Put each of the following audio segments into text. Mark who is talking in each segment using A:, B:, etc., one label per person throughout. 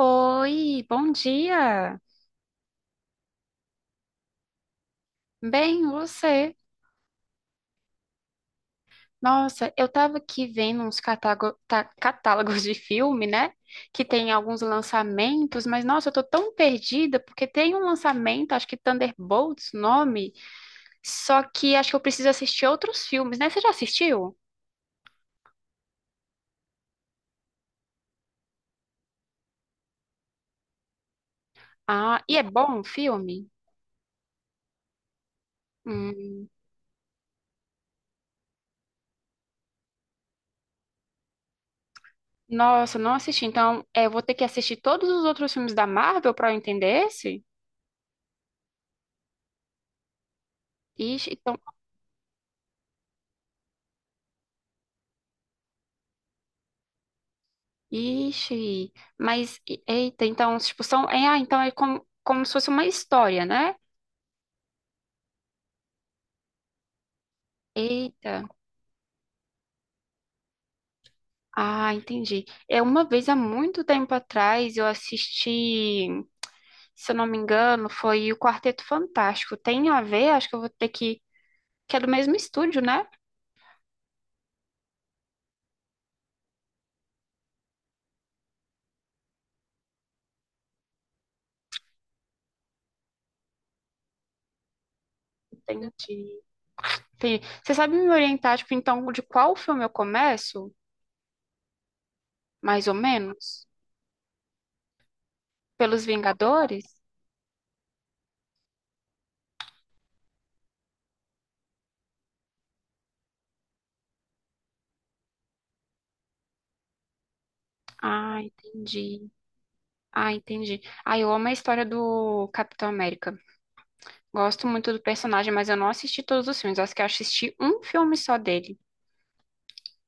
A: Oi, bom dia. Bem, você? Nossa, eu tava aqui vendo uns catálogos de filme, né? Que tem alguns lançamentos, mas nossa, eu tô tão perdida porque tem um lançamento, acho que Thunderbolts, o nome, só que acho que eu preciso assistir outros filmes, né? Você já assistiu? Ah, e é bom o filme? Hum, nossa, não assisti. Então, é, eu vou ter que assistir todos os outros filmes da Marvel pra eu entender esse? Ixi, então. Ixi, mas eita, então, tipo, são, é, ah, então é como, como se fosse uma história, né? Eita, ah, entendi. É uma vez há muito tempo atrás eu assisti, se eu não me engano, foi o Quarteto Fantástico. Tem a ver? Acho que eu vou ter que é do mesmo estúdio, né? Entendi. Entendi. Você sabe me orientar, tipo, então, de qual filme eu começo? Mais ou menos? Pelos Vingadores? Ah, entendi. Ah, entendi. Ah, eu amo a história do Capitão América. Gosto muito do personagem, mas eu não assisti todos os filmes. Acho que eu assisti um filme só dele.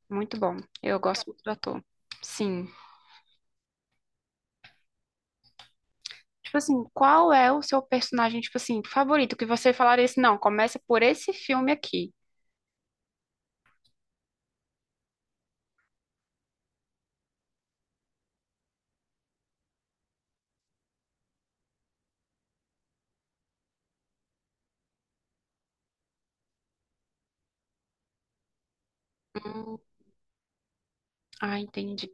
A: Muito bom. Eu gosto muito do ator. Sim. Tipo assim, qual é o seu personagem, tipo assim, favorito? Que você falaria assim, não, começa por esse filme aqui. Hum, ah, entendi.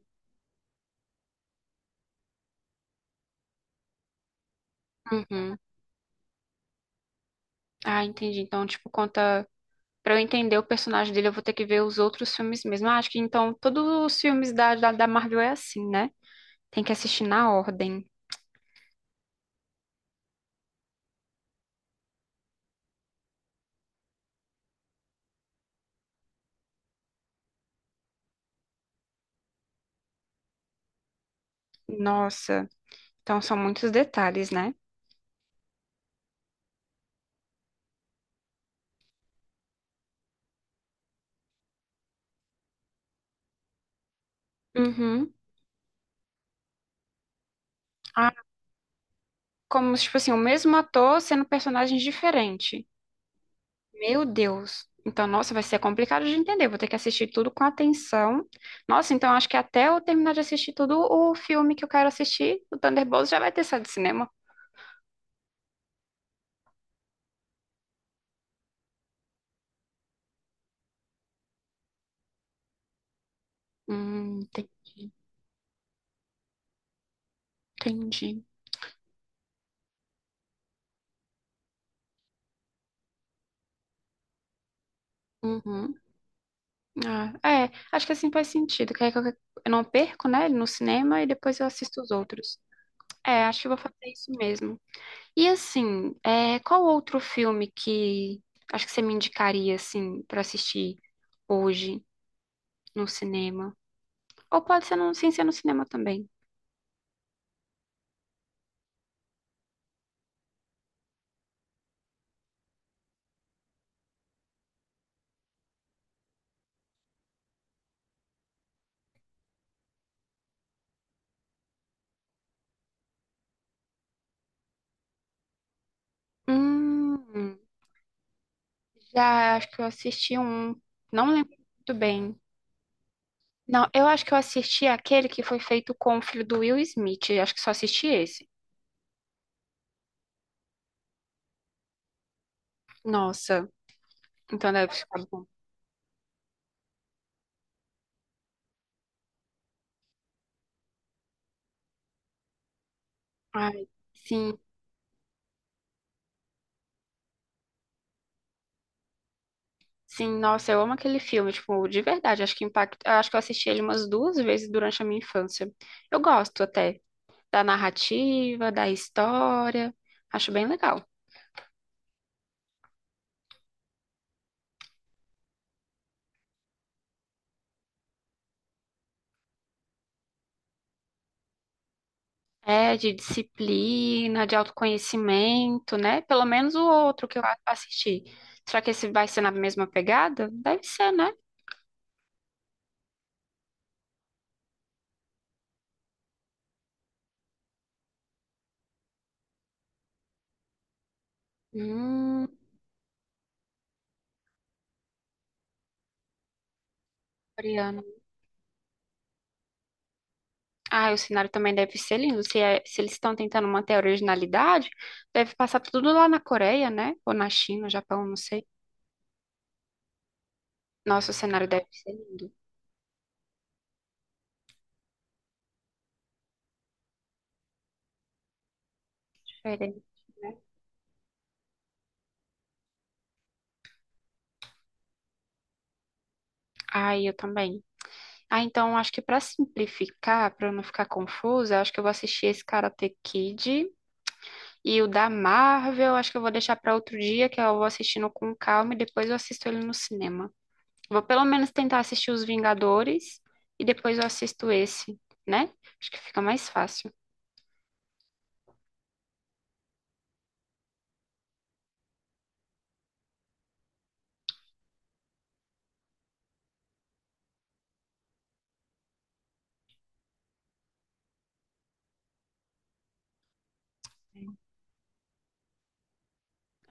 A: Uhum. Ah, entendi. Então, tipo, conta. Pra eu entender o personagem dele, eu vou ter que ver os outros filmes mesmo. Ah, acho que então todos os filmes da Marvel é assim, né? Tem que assistir na ordem. Nossa. Então são muitos detalhes, né? Uhum. Ah, como, tipo assim, o mesmo ator sendo personagens diferentes. Meu Deus. Então, nossa, vai ser complicado de entender. Vou ter que assistir tudo com atenção. Nossa, então acho que até eu terminar de assistir tudo o filme que eu quero assistir, o Thunderbolts, já vai ter saído do cinema. Hum, ente- Entendi. Uhum. Ah, é, acho que assim faz sentido. Que aí que eu não perco, né, ele no cinema e depois eu assisto os outros. É, acho que eu vou fazer isso mesmo. E assim, é, qual outro filme que acho que você me indicaria assim para assistir hoje no cinema? Ou pode ser no, sem ser no cinema também. Hum, já acho que eu assisti um, não lembro muito bem. Não, eu acho que eu assisti aquele que foi feito com o filho do Will Smith. Acho que só assisti esse. Nossa, então deve ficar bom. Ai, sim. Sim, nossa, eu amo aquele filme, tipo, de verdade, acho que impacta, acho que eu assisti ele umas duas vezes durante a minha infância. Eu gosto até da narrativa, da história, acho bem legal. É, de disciplina, de autoconhecimento, né? Pelo menos o outro que assisti. Será que esse vai ser na mesma pegada? Deve ser, né? Hum, coreano. Ah, o cenário também deve ser lindo. Se eles estão tentando manter a originalidade, deve passar tudo lá na Coreia, né? Ou na China, Japão, não sei. Nossa, o cenário deve ser lindo, diferente, né? Ai, eu também. Ah, então acho que pra simplificar, pra eu não ficar confusa, acho que eu vou assistir esse Karate Kid e o da Marvel, acho que eu vou deixar pra outro dia, que eu vou assistindo com calma e depois eu assisto ele no cinema. Vou pelo menos tentar assistir os Vingadores e depois eu assisto esse, né? Acho que fica mais fácil.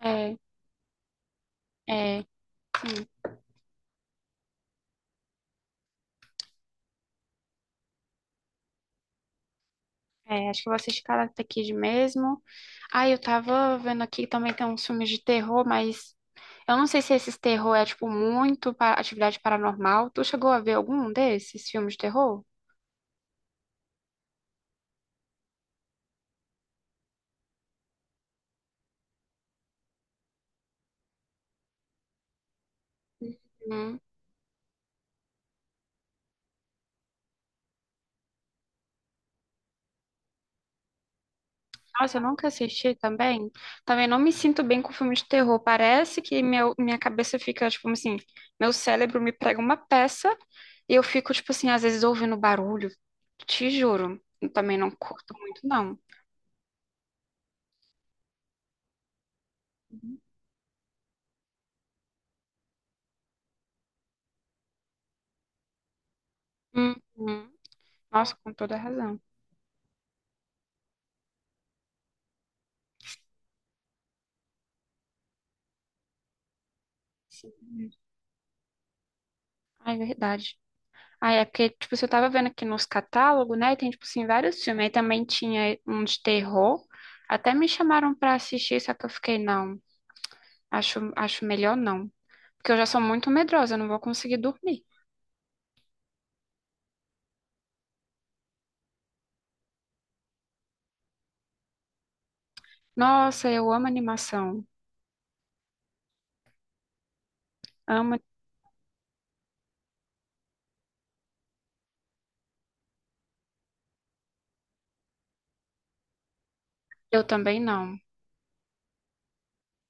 A: É, é, sim, é, acho que eu vou assistir Karate Kid mesmo. Ah, eu tava vendo aqui também tem uns filmes de terror, mas eu não sei se esses terror é, tipo, muito para atividade paranormal. Tu chegou a ver algum desses filmes de terror? Hum. Nossa, eu nunca assisti também. Também não me sinto bem com filme de terror. Parece que meu, minha cabeça fica, tipo assim, meu cérebro me prega uma peça e eu fico, tipo assim, às vezes ouvindo barulho. Te juro. Eu também não curto muito, não. Uhum. Nossa, com toda razão. Sim. Ai, verdade. Ah, é porque, tipo, se eu tava vendo aqui nos catálogos, né? Tem, tipo, assim, vários filmes. Aí também tinha um de terror. Até me chamaram pra assistir, só que eu fiquei, não, acho melhor não. Porque eu já sou muito medrosa, eu não vou conseguir dormir. Nossa, eu amo animação. Amo. Eu também não.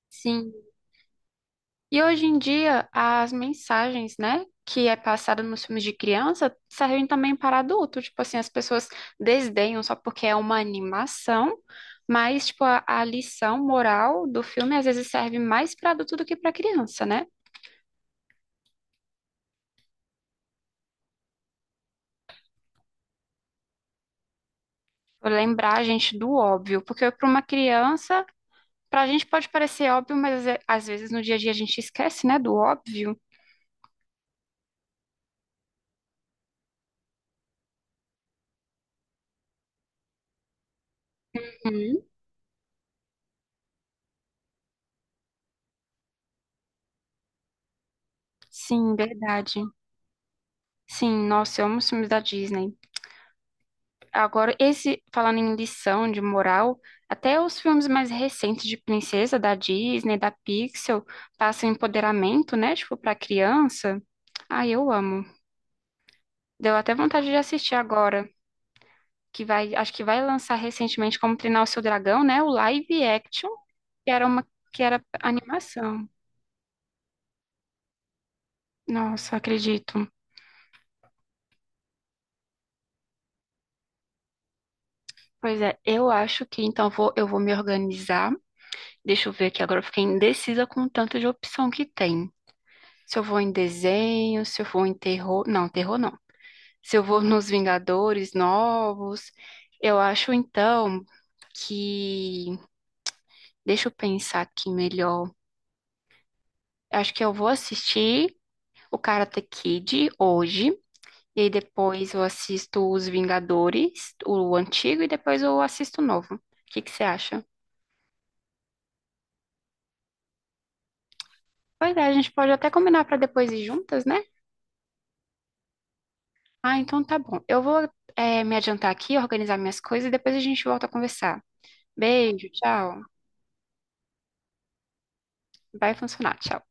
A: Sim. E hoje em dia, as mensagens, né, que é passada nos filmes de criança, servem também para adulto. Tipo assim, as pessoas desdenham só porque é uma animação, mas, tipo, a lição moral do filme às vezes serve mais para adulto do que para criança, né? Pra lembrar a gente do óbvio, porque para uma criança, para a gente pode parecer óbvio, mas às vezes no dia a dia a gente esquece, né, do óbvio. Uhum. Sim, verdade. Sim, nossa, eu amo os filmes da Disney. Agora, esse, falando em lição de moral, até os filmes mais recentes de princesa, da Disney, da Pixel, passam empoderamento, né? Tipo, pra criança. Ah, eu amo. Deu até vontade de assistir agora, que vai, acho que vai lançar recentemente Como Treinar o Seu Dragão, né? O live action, que era uma, que era animação. Nossa, acredito. Pois é, eu acho que então vou, eu vou me organizar. Deixa eu ver aqui agora, eu fiquei indecisa com o tanto de opção que tem. Se eu vou em desenho, se eu vou em terror. Não, terror não. Se eu vou nos Vingadores novos. Eu acho então que. Deixa eu pensar aqui melhor. Acho que eu vou assistir o Karate Kid hoje. E aí depois eu assisto os Vingadores, o antigo, e depois eu assisto o novo. O que que você acha? Pois é, a gente pode até combinar para depois ir juntas, né? Ah, então tá bom. Eu vou, me adiantar aqui, organizar minhas coisas e depois a gente volta a conversar. Beijo, tchau. Vai funcionar. Tchau.